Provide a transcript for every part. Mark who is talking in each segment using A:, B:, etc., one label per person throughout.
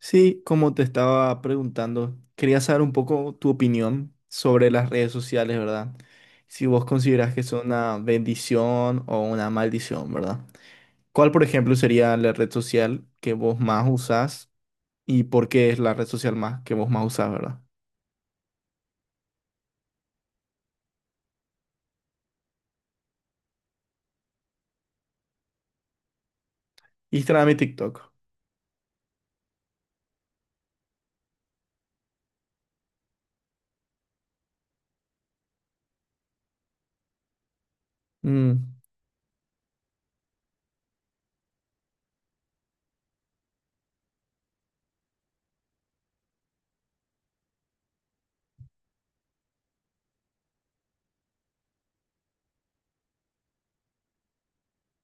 A: Sí, como te estaba preguntando, quería saber un poco tu opinión sobre las redes sociales, ¿verdad? Si vos considerás que son una bendición o una maldición, ¿verdad? ¿Cuál, por ejemplo, sería la red social que vos más usás y por qué es la red social más que vos más usás, ¿verdad? Instagram y TikTok. Mm,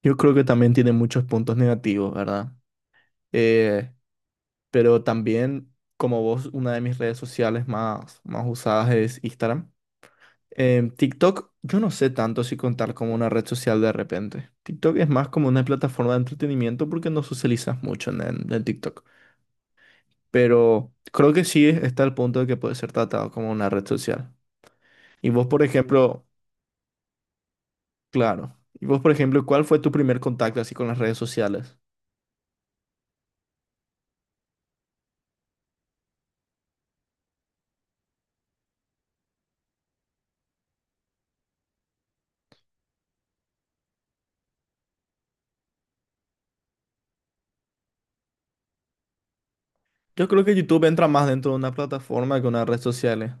A: yo creo que también tiene muchos puntos negativos, ¿verdad? Eh, pero también, como vos, una de mis redes sociales más usadas es Instagram. TikTok, yo no sé tanto si contar como una red social de repente. TikTok es más como una plataforma de entretenimiento porque no socializas mucho en TikTok. Pero creo que sí está el punto de que puede ser tratado como una red social. Y vos, por ejemplo, claro. Y vos, por ejemplo, ¿cuál fue tu primer contacto así con las redes sociales? Yo creo que YouTube entra más dentro de una plataforma que una red social.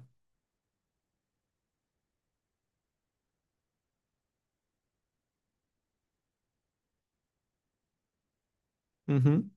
A: Ujú.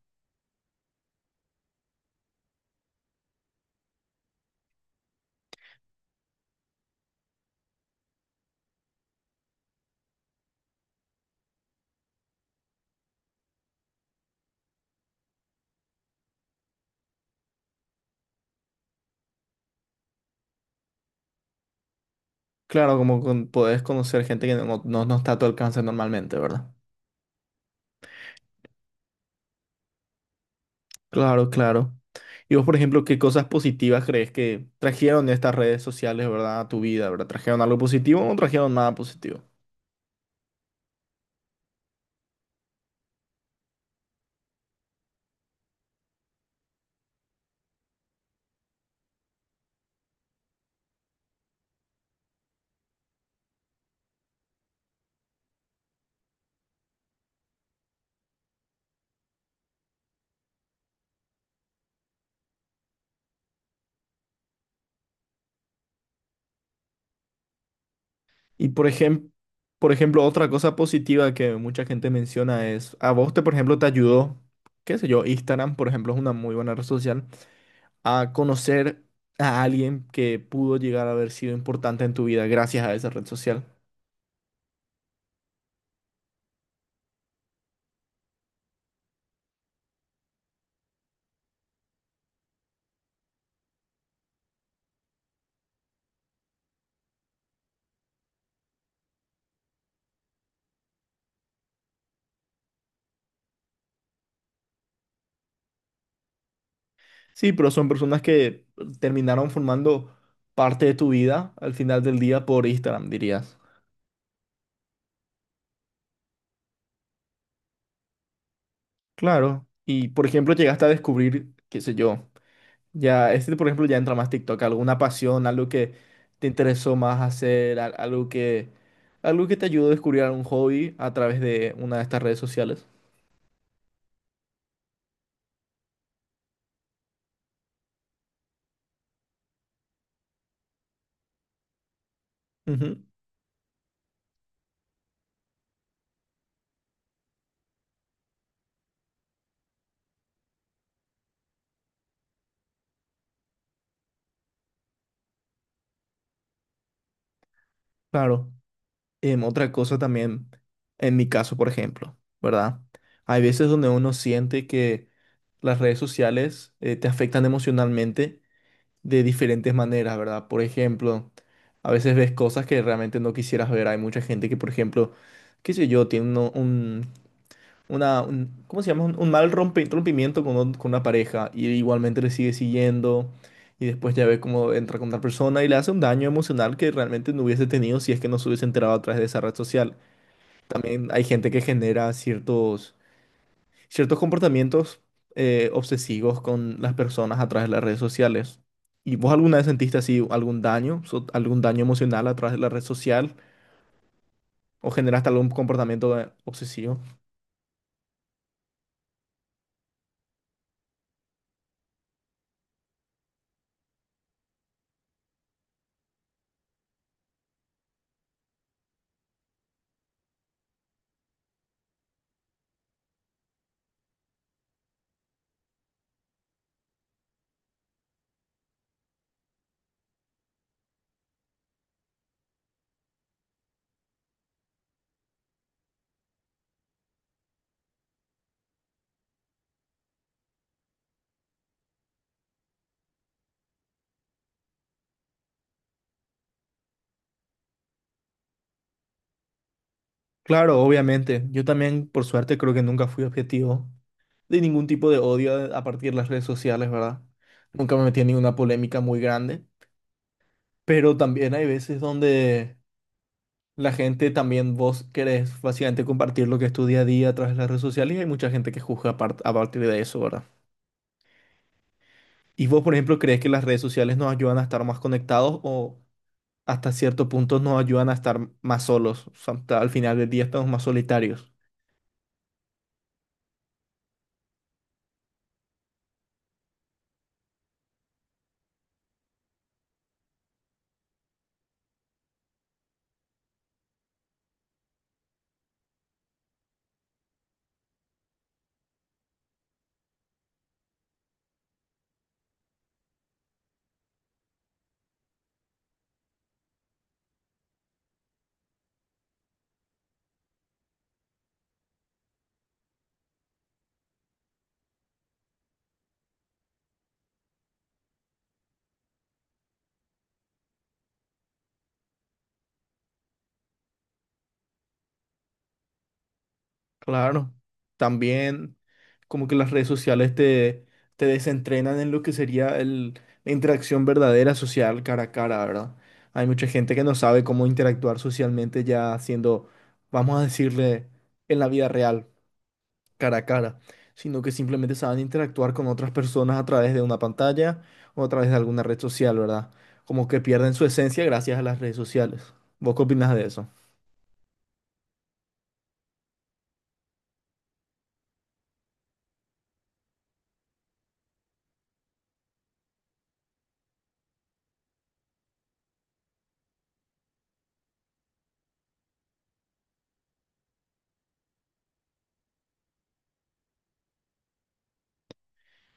A: Claro, como con, podés conocer gente que no está a tu alcance normalmente, ¿verdad? Claro, claro. Y vos, por ejemplo, ¿qué cosas positivas crees que trajeron estas redes sociales, ¿verdad? A tu vida, ¿verdad? ¿Trajeron algo positivo o no trajeron nada positivo? Y por ejemplo, otra cosa positiva que mucha gente menciona es, a vos te, por ejemplo, te ayudó, qué sé yo, Instagram, por ejemplo, es una muy buena red social, a conocer a alguien que pudo llegar a haber sido importante en tu vida gracias a esa red social. Sí, pero son personas que terminaron formando parte de tu vida al final del día por Instagram, dirías. Claro, y por ejemplo llegaste a descubrir, qué sé yo, ya, este por ejemplo ya entra más TikTok, alguna pasión, algo que te interesó más hacer, algo que te ayudó a descubrir algún hobby a través de una de estas redes sociales. Ujú, claro. Otra cosa también, en mi caso por ejemplo, ¿verdad? Hay veces donde uno siente que las redes sociales te afectan emocionalmente de diferentes maneras, ¿verdad? Por ejemplo, a veces ves cosas que realmente no quisieras ver. Hay mucha gente que, por ejemplo, qué sé yo, tiene un, una, ¿cómo se llama? Un rompimiento con, con una pareja y igualmente le sigue siguiendo y después ya ve cómo entra con otra persona y le hace un daño emocional que realmente no hubiese tenido si es que no se hubiese enterado a través de esa red social. También hay gente que genera ciertos comportamientos obsesivos con las personas a través de las redes sociales. ¿Y vos alguna vez sentiste así algún daño, algún daño emocional a través de la red social o generaste algún comportamiento obsesivo? Claro, obviamente. Yo también, por suerte, creo que nunca fui objetivo de ningún tipo de odio a partir de las redes sociales, ¿verdad? Nunca me metí en ninguna polémica muy grande, pero también hay veces donde la gente también, vos querés básicamente compartir lo que es tu día a día a través de las redes sociales y hay mucha gente que juzga a partir de eso, ¿verdad? ¿Y vos, por ejemplo, crees que las redes sociales nos ayudan a estar más conectados o hasta cierto punto nos ayudan a estar más solos? O sea, hasta al final del día estamos más solitarios. Claro, también como que las redes sociales te desentrenan en lo que sería el, la interacción verdadera social cara a cara, ¿verdad? Hay mucha gente que no sabe cómo interactuar socialmente ya siendo, vamos a decirle, en la vida real, cara a cara, sino que simplemente saben interactuar con otras personas a través de una pantalla o a través de alguna red social, ¿verdad? Como que pierden su esencia gracias a las redes sociales. ¿Vos qué opinás de eso?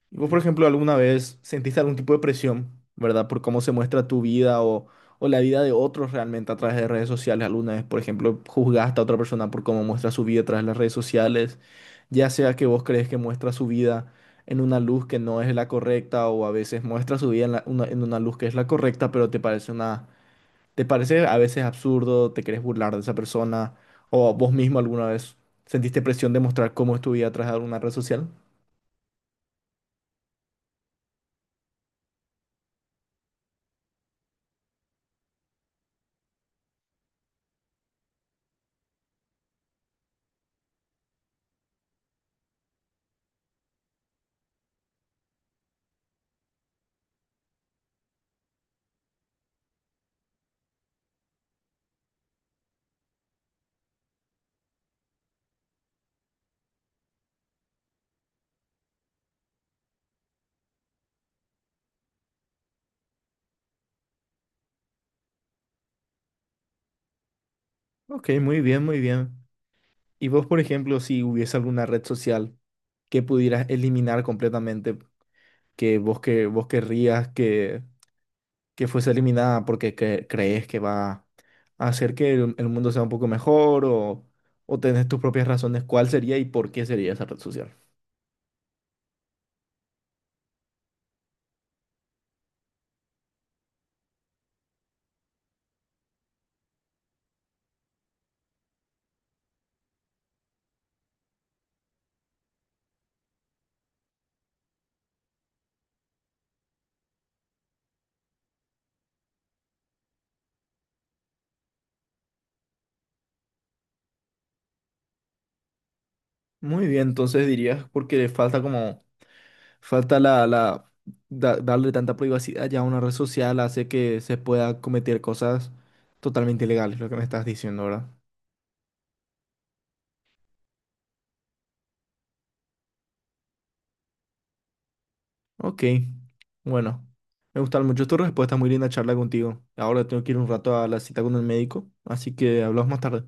A: ¿Y vos, por ejemplo, alguna vez sentiste algún tipo de presión, ¿verdad? Por cómo se muestra tu vida o la vida de otros realmente a través de redes sociales. ¿Alguna vez, por ejemplo, juzgaste a otra persona por cómo muestra su vida a través de las redes sociales? Ya sea que vos crees que muestra su vida en una luz que no es la correcta o a veces muestra su vida en, en una luz que es la correcta, pero te parece una, te parece a veces absurdo, te querés burlar de esa persona o vos mismo alguna vez sentiste presión de mostrar cómo es tu vida a través de alguna red social. Ok, muy bien, muy bien. Y vos, por ejemplo, si hubiese alguna red social que pudieras eliminar completamente, que, vos querrías que fuese eliminada porque crees que va a hacer que el mundo sea un poco mejor o tenés tus propias razones, ¿cuál sería y por qué sería esa red social? Muy bien, entonces dirías porque falta como, falta la, la, darle tanta privacidad ya a una red social hace que se pueda cometer cosas totalmente ilegales, lo que me estás diciendo, ¿verdad? Ok, bueno, me gustaron mucho tus respuestas, muy linda charla contigo. Ahora tengo que ir un rato a la cita con el médico, así que hablamos más tarde.